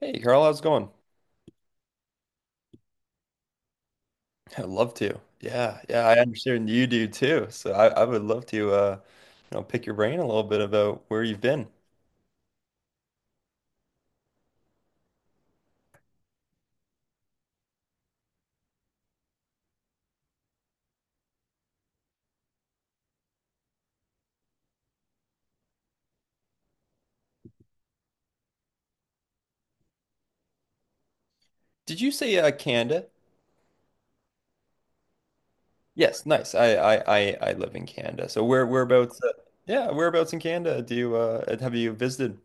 Hey Carl, how's it going? I'd love to. Yeah, yeah, I understand you do too. So I would love to you know pick your brain a little bit about where you've been. Did you say Canada? Yes, nice. I live in Canada. So where whereabouts yeah, whereabouts in Canada do you have you visited?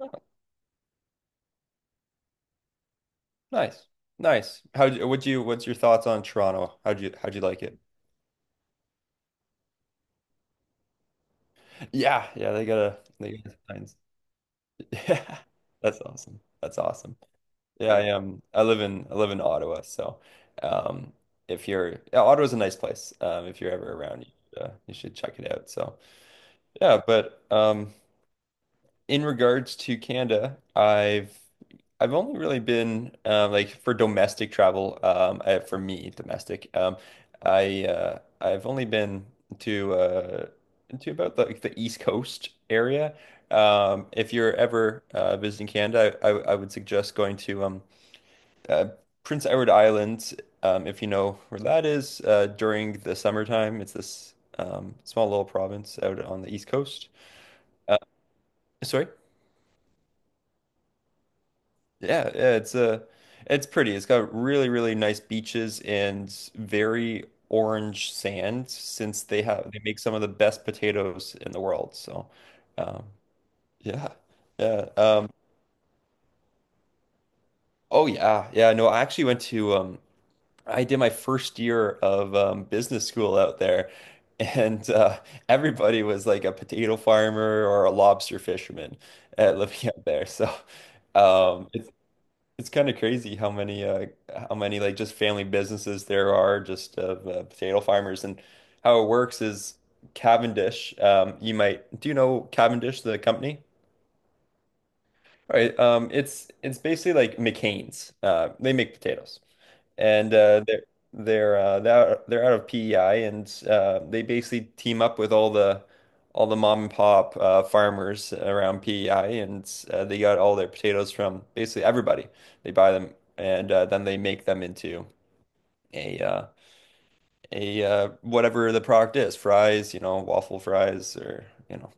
Oh, nice. Nice. How would you What's your thoughts on Toronto? How'd you like it? Yeah, yeah, they got a Yeah. That's awesome. That's awesome. Yeah, I am. I live in Ottawa, so um, if you're yeah, Ottawa's a nice place. If you're ever around, you should check it out. So yeah, but in regards to Canada, I've only really been like for domestic travel. For me, domestic. I've only been to uh, to about like the East Coast area. If you're ever visiting Canada, I would suggest going to uh, Prince Edward Island, if you know where that is, during the summertime, it's this small little province out on the east coast. Sorry, yeah, yeah, it's pretty. It's got really, really nice beaches and very orange sand since they make some of the best potatoes in the world. So, um, yeah, yeah. Oh yeah, yeah. No, I actually went to I did my first year of business school out there, and everybody was like a potato farmer or a lobster fisherman living out there. So um, it's it's kind of crazy how many like just family businesses there are just of potato farmers. And how it works is Cavendish. You might do you know Cavendish, the company? All right. It's basically like McCain's. They make potatoes and they're they're out of PEI, and they basically team up with all the mom and pop farmers around PEI, and they got all their potatoes from basically everybody. They buy them, and then they make them into a uh, a whatever the product is, fries, you know, waffle fries, or you know,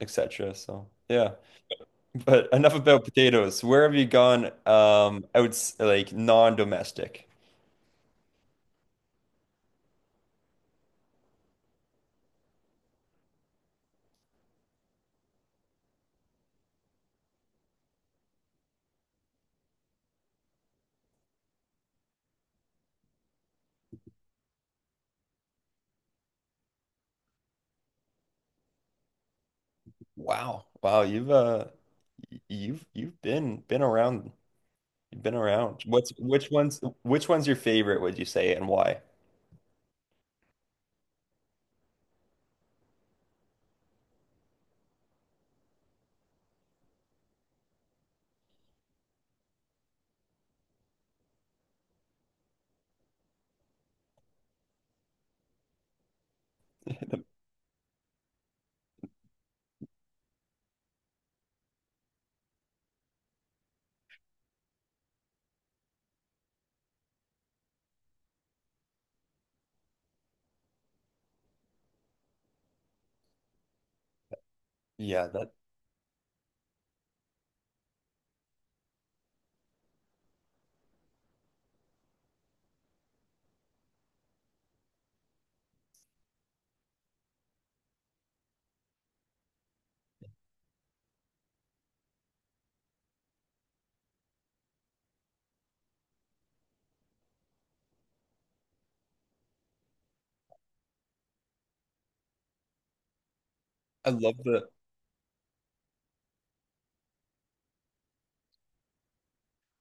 etc. So. Yeah, but enough about potatoes. Where have you gone, outs like non-domestic? Wow. You've been around What's which one's your favorite, would you say, and why? Yeah, that I love the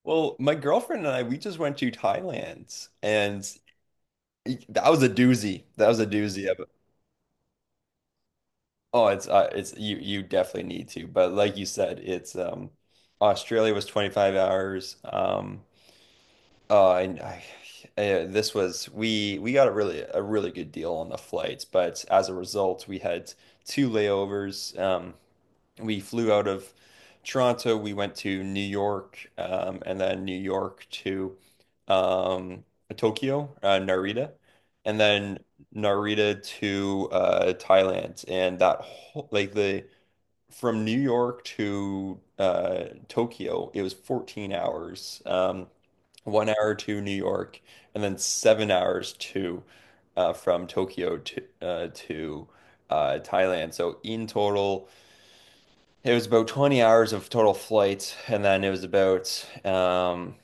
well, my girlfriend and I, we just went to Thailand and that was a doozy. That was a doozy of it. Oh, it's you you definitely need to. But like you said, it's Australia was 25 hours. And I This was we got a really good deal on the flights, but as a result, we had two layovers. We flew out of Toronto, we went to New York, and then New York to um, Tokyo, Narita, and then Narita to Thailand. And that whole, from New York to Tokyo, it was 14 hours. 1 hour to New York, and then 7 hours to from Tokyo to Thailand. So in total, it was about 20 hours of total flight, and then it was about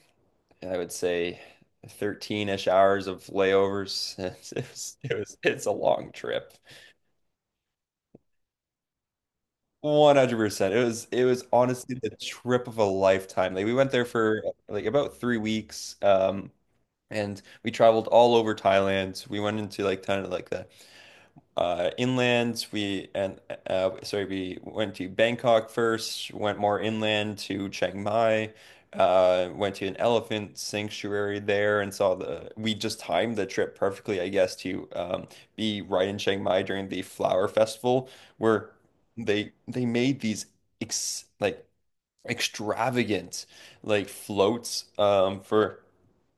I would say 13-ish hours of layovers. It was it's a long trip. 100%. It was honestly the trip of a lifetime. Like we went there for like about 3 weeks and we traveled all over Thailand. We went into like kind of like the inland we and sorry we went to Bangkok first, went more inland to Chiang Mai, went to an elephant sanctuary there, and saw the, we just timed the trip perfectly I guess to be right in Chiang Mai during the flower festival where they made these ex like extravagant like floats for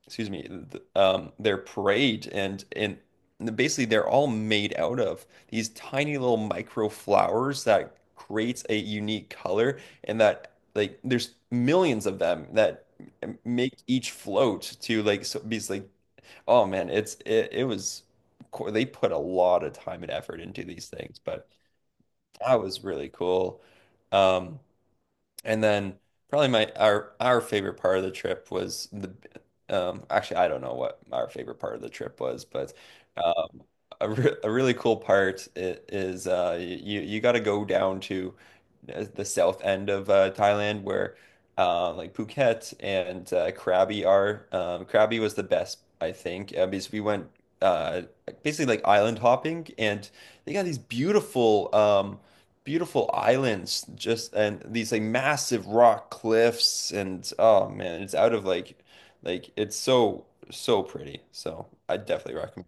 excuse me, th their parade, and basically they're all made out of these tiny little micro flowers that creates a unique color, and that like there's millions of them that make each float to like so be like oh man it's it was they put a lot of time and effort into these things, but that was really cool um and then probably my our favorite part of the trip was the actually I don't know what our favorite part of the trip was, but um a, re a really cool part is you you got to go down to the south end of Thailand where like Phuket and Krabi are. Krabi was the best I think because we went uh basically like island hopping, and they got these beautiful beautiful islands just, and these like massive rock cliffs, and oh man it's out of like it's so so pretty, so I definitely recommend.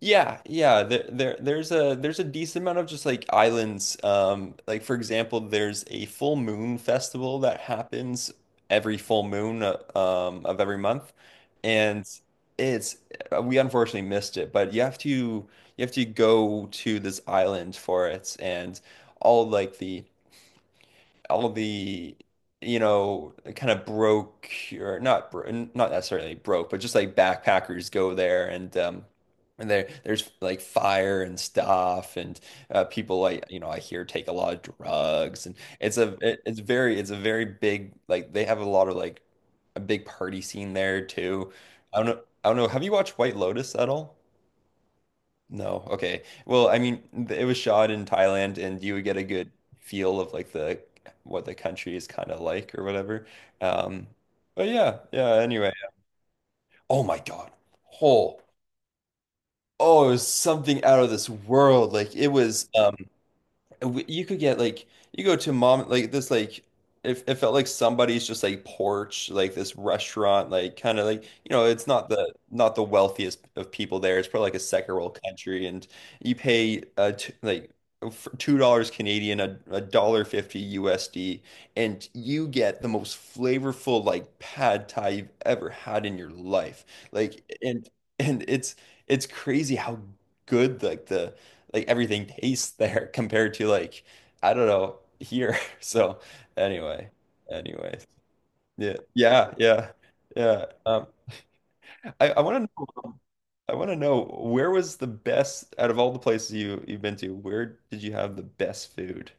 Yeah, yeah. There's a decent amount of just like islands. Like for example, there's a full moon festival that happens every full moon of every month, and it's we unfortunately missed it. But you have to go to this island for it, and all like the all the you know kind of broke or not bro not necessarily broke but just like backpackers go there, and there there's like fire and stuff, and people like you know I hear take a lot of drugs, and it's very it's a very big, like they have a lot of like a big party scene there too. I don't know have you watched White Lotus at all? No. Okay. Well, I mean, it was shot in Thailand, and you would get a good feel of like the what the country is kind of like or whatever. Um, but yeah, yeah. Anyway, oh my God. Oh, oh, it was something out of this world. Like it was. You could get like you go to mom like this like it felt like somebody's just like porch like this restaurant like kind of like, you know, it's not the not the wealthiest of people there, it's probably like a second world country, and you pay $2 Canadian, a, a dollar fifty USD, and you get the most flavorful like pad thai you've ever had in your life, like and it's crazy how good like the like everything tastes there compared to like I don't know here. So anyway, anyways, yeah, yeah, yeah, yeah. I want to know I want to know where was the best out of all the places you you've been to? Where did you have the best food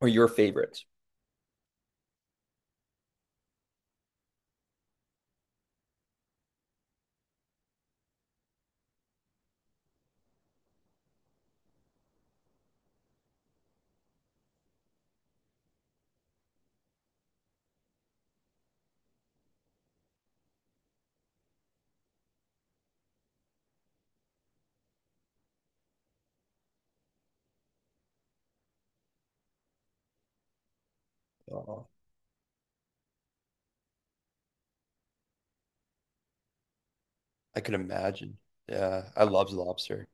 or your favorite? Oh, I could imagine. Yeah, I loved lobster.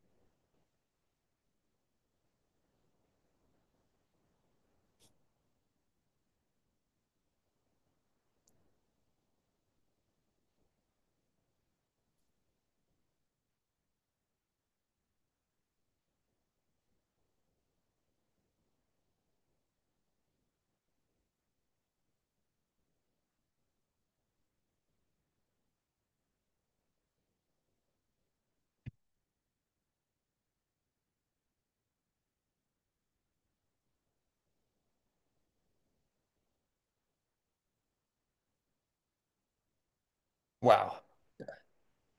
Wow,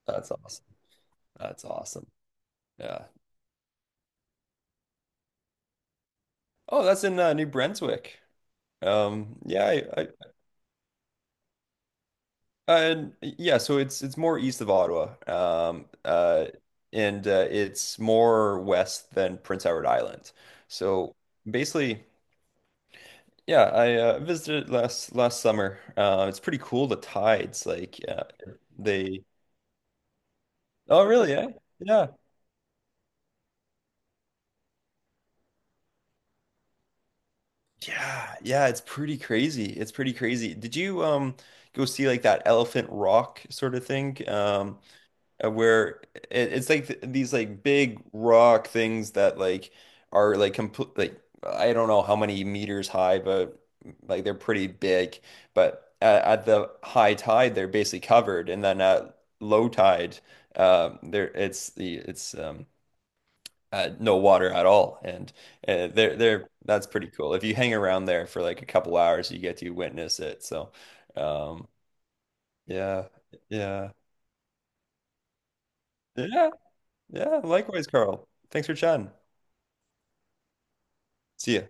that's awesome. That's awesome. Yeah. Oh, that's in New Brunswick. Yeah, I, and yeah, so it's more east of Ottawa, and it's more west than Prince Edward Island. So basically, yeah, I visited last last summer. It's pretty cool. The tides, like they. Oh, really? Yeah, yeah, yeah, yeah. It's pretty crazy. It's pretty crazy. Did you go see like that Elephant Rock sort of thing? Where it's like th these like big rock things that like are like complete like I don't know how many meters high, but like they're pretty big. But at the high tide, they're basically covered, and then at low tide, there it's the it's no water at all, and they're that's pretty cool. If you hang around there for like a couple hours, you get to witness it. So, um, yeah, yeah. Yeah, yeah, likewise, Carl. Thanks for chatting. See ya.